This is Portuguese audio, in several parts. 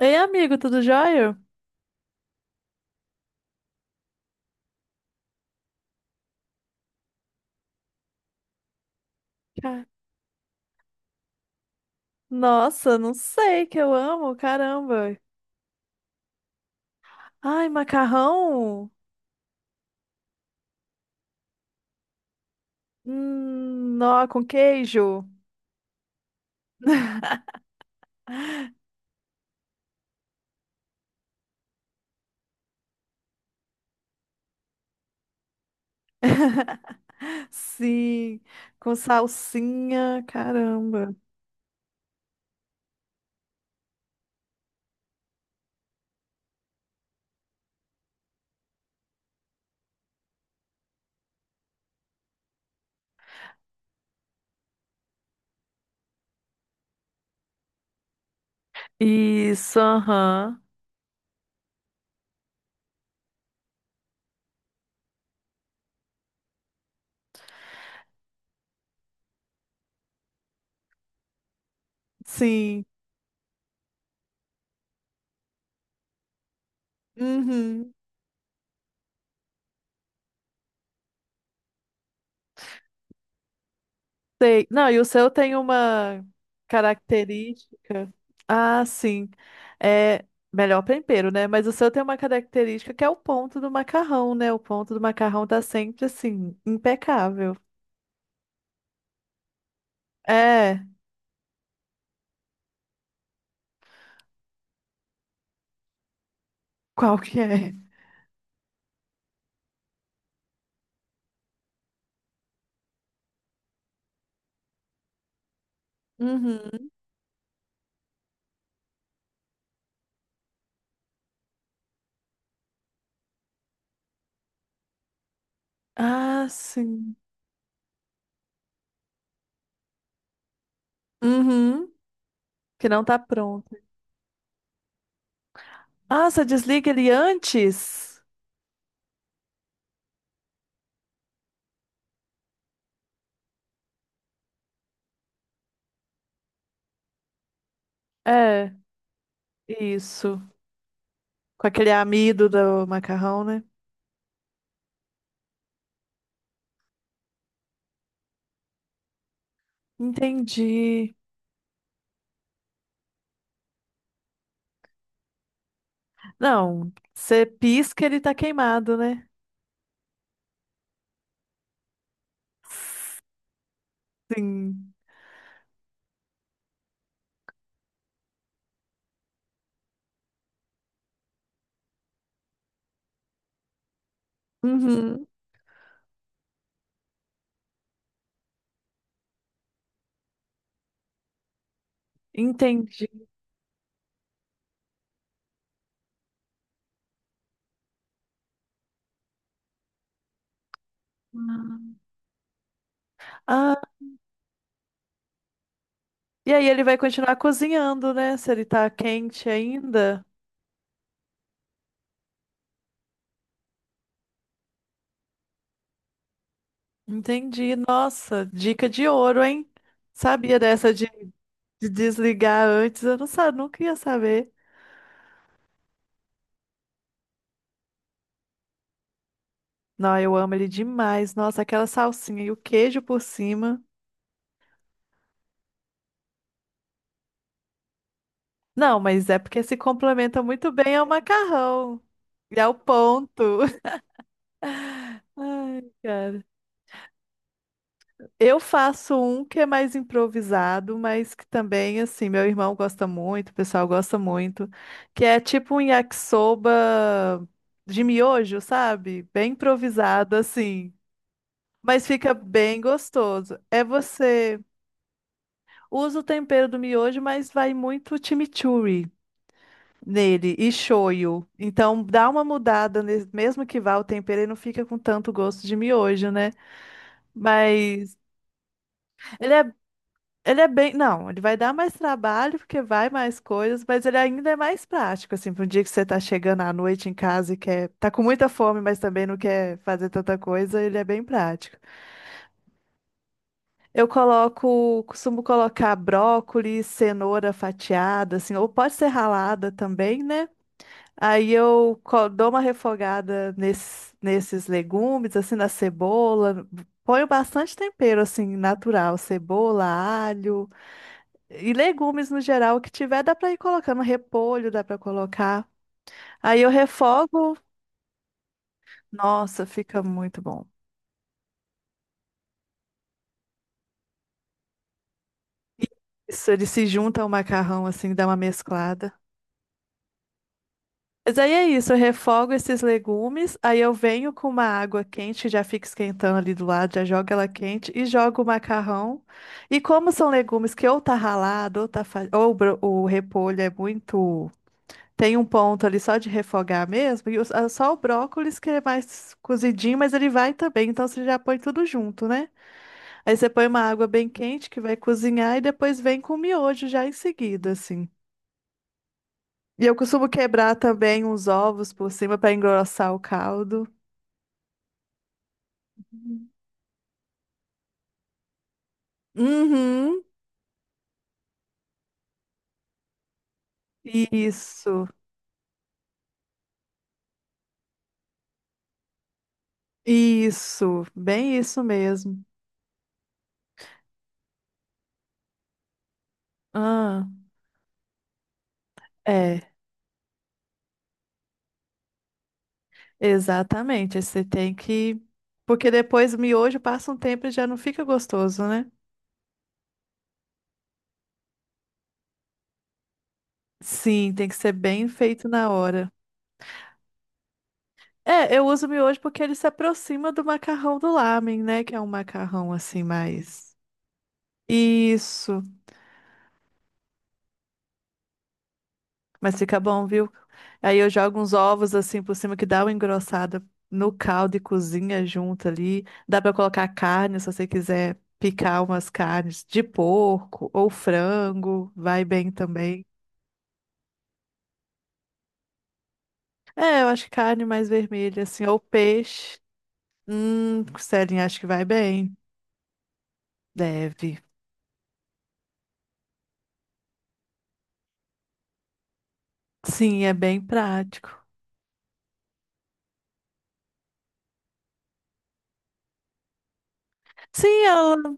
Ei, amigo, tudo jóia? Ca- Nossa, não sei que eu amo, caramba. Ai, macarrão? Nó com queijo? Sim, com salsinha, caramba. Isso, aham. Sim. Uhum. Sei. Não, e o seu tem uma característica. Ah, sim. É melhor tempero, né? Mas o seu tem uma característica que é o ponto do macarrão, né? O ponto do macarrão tá sempre assim, impecável. É, qual que é? Uhum. Ah, sim. Uhum. Que não tá pronto. Ah, você desliga ele antes? É, isso. Com aquele amido do macarrão, né? Entendi. Não, você pisca, ele tá queimado, né? Sim. Uhum, entendi. Ah, e aí ele vai continuar cozinhando, né? Se ele tá quente ainda. Entendi. Nossa, dica de ouro, hein? Sabia de desligar antes? Eu não sabia, nunca ia saber. Não, eu amo ele demais. Nossa, aquela salsinha e o queijo por cima. Não, mas é porque se complementa muito bem ao macarrão e ao ponto. Ai, cara. Eu faço um que é mais improvisado, mas que também, assim, meu irmão gosta muito, o pessoal gosta muito, que é tipo um yakisoba de miojo, sabe? Bem improvisado, assim, mas fica bem gostoso. É você usa o tempero do miojo, mas vai muito chimichurri nele e shoyu. Então dá uma mudada, mesmo que vá o tempero, ele não fica com tanto gosto de miojo, né? Mas ele é Ele é bem. Não, ele vai dar mais trabalho, porque vai mais coisas, mas ele ainda é mais prático, assim, para um dia que você tá chegando à noite em casa e quer. Tá com muita fome, mas também não quer fazer tanta coisa, ele é bem prático. Eu coloco, costumo colocar brócolis, cenoura fatiada, assim, ou pode ser ralada também, né? Aí eu dou uma refogada nesses legumes, assim, na cebola. Ponho bastante tempero, assim, natural, cebola, alho. E legumes no geral, o que tiver, dá pra ir colocando. Repolho dá pra colocar. Aí eu refogo. Nossa, fica muito bom. Isso, ele se junta ao macarrão, assim, dá uma mesclada. Mas aí é isso, eu refogo esses legumes, aí eu venho com uma água quente, já fica esquentando ali do lado, já jogo ela quente e jogo o macarrão. E como são legumes que ou tá ralado, ou tá fa... ou o repolho é muito Tem um ponto ali só de refogar mesmo, ah, só o brócolis que é mais cozidinho, mas ele vai também, então você já põe tudo junto, né? Aí você põe uma água bem quente que vai cozinhar e depois vem com o miojo já em seguida, assim. E eu costumo quebrar também uns ovos por cima para engrossar o caldo. Uhum. Uhum, Isso, isso, bem isso mesmo. Ah, é, exatamente. Aí Você tem que. Porque depois o miojo passa um tempo e já não fica gostoso, né? Sim, tem que ser bem feito na hora. É, eu uso miojo porque ele se aproxima do macarrão do lamen, né? Que é um macarrão assim mais. Isso. Mas fica bom, viu? Aí eu jogo uns ovos assim por cima que dá uma engrossada no caldo e cozinha junto ali. Dá pra colocar carne se você quiser picar umas carnes de porco ou frango, vai bem também. É, eu acho que carne mais vermelha assim ou peixe. Celinha, acho que vai bem. Deve. Sim, é bem prático. Sim, ela,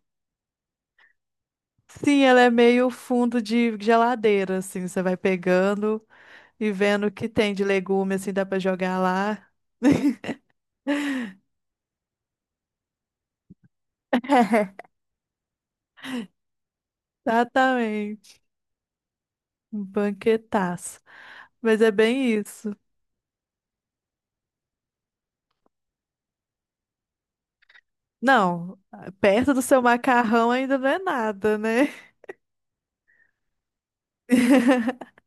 sim, ela é meio fundo de geladeira, assim, você vai pegando e vendo o que tem de legume, assim, dá pra jogar lá. Exatamente, um banquetaço. Mas é bem isso. Não, perto do seu macarrão ainda não é nada, né?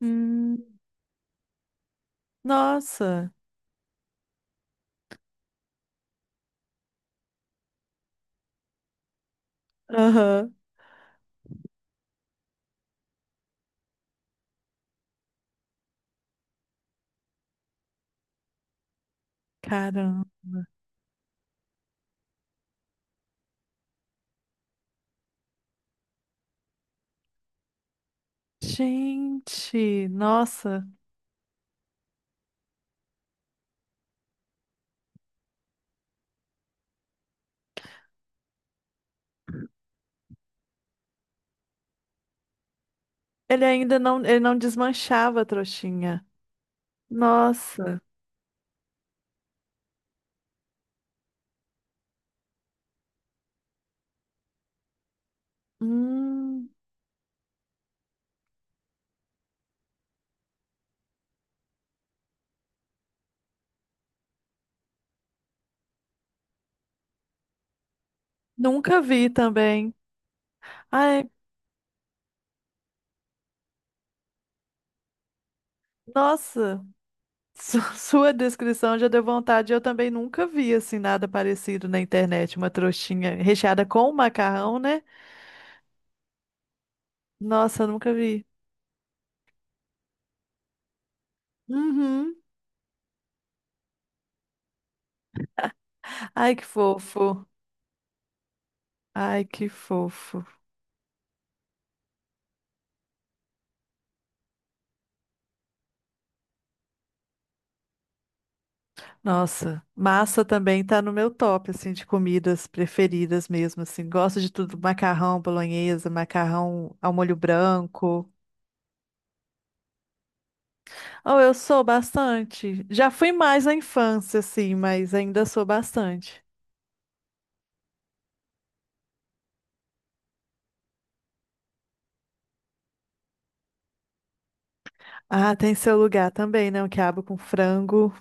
Hum, nossa, aham, Caramba. Gente, nossa. Ele ainda não, ele não desmanchava a trouxinha. Nossa. Hum, nunca vi também. Ai, nossa. Sua descrição já deu vontade. Eu também nunca vi assim nada parecido na internet, uma trouxinha recheada com macarrão, né? Nossa, eu nunca vi. Uhum. Ai, que fofo. Ai, que fofo. Nossa, massa também tá no meu top, assim, de comidas preferidas mesmo, assim. Gosto de tudo, macarrão bolonhesa, macarrão ao molho branco. Oh, eu sou bastante. Já fui mais na infância, assim, mas ainda sou bastante. Ah, tem seu lugar também, né? O quiabo com frango.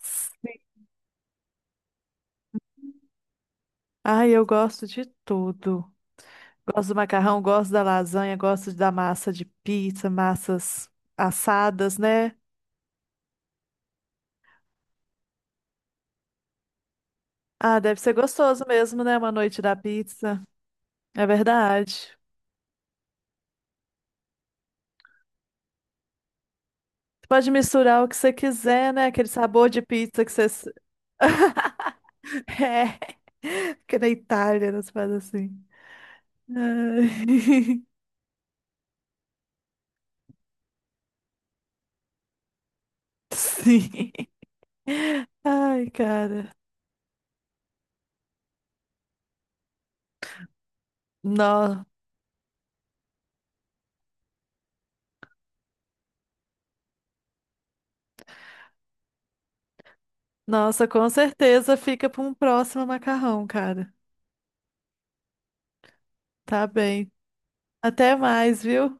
Sim. Ai, eu gosto de tudo. Gosto do macarrão, gosto da lasanha, gosto da massa de pizza, massas assadas, né? Ah, deve ser gostoso mesmo, né? Uma noite da pizza. É verdade. Você pode misturar o que você quiser, né? Aquele sabor de pizza que você. É. Porque na Itália eles fazem assim. Ai, Sim. Ai, cara. No... Nossa, com certeza fica para um próximo macarrão, cara. Tá bem. Até mais, viu?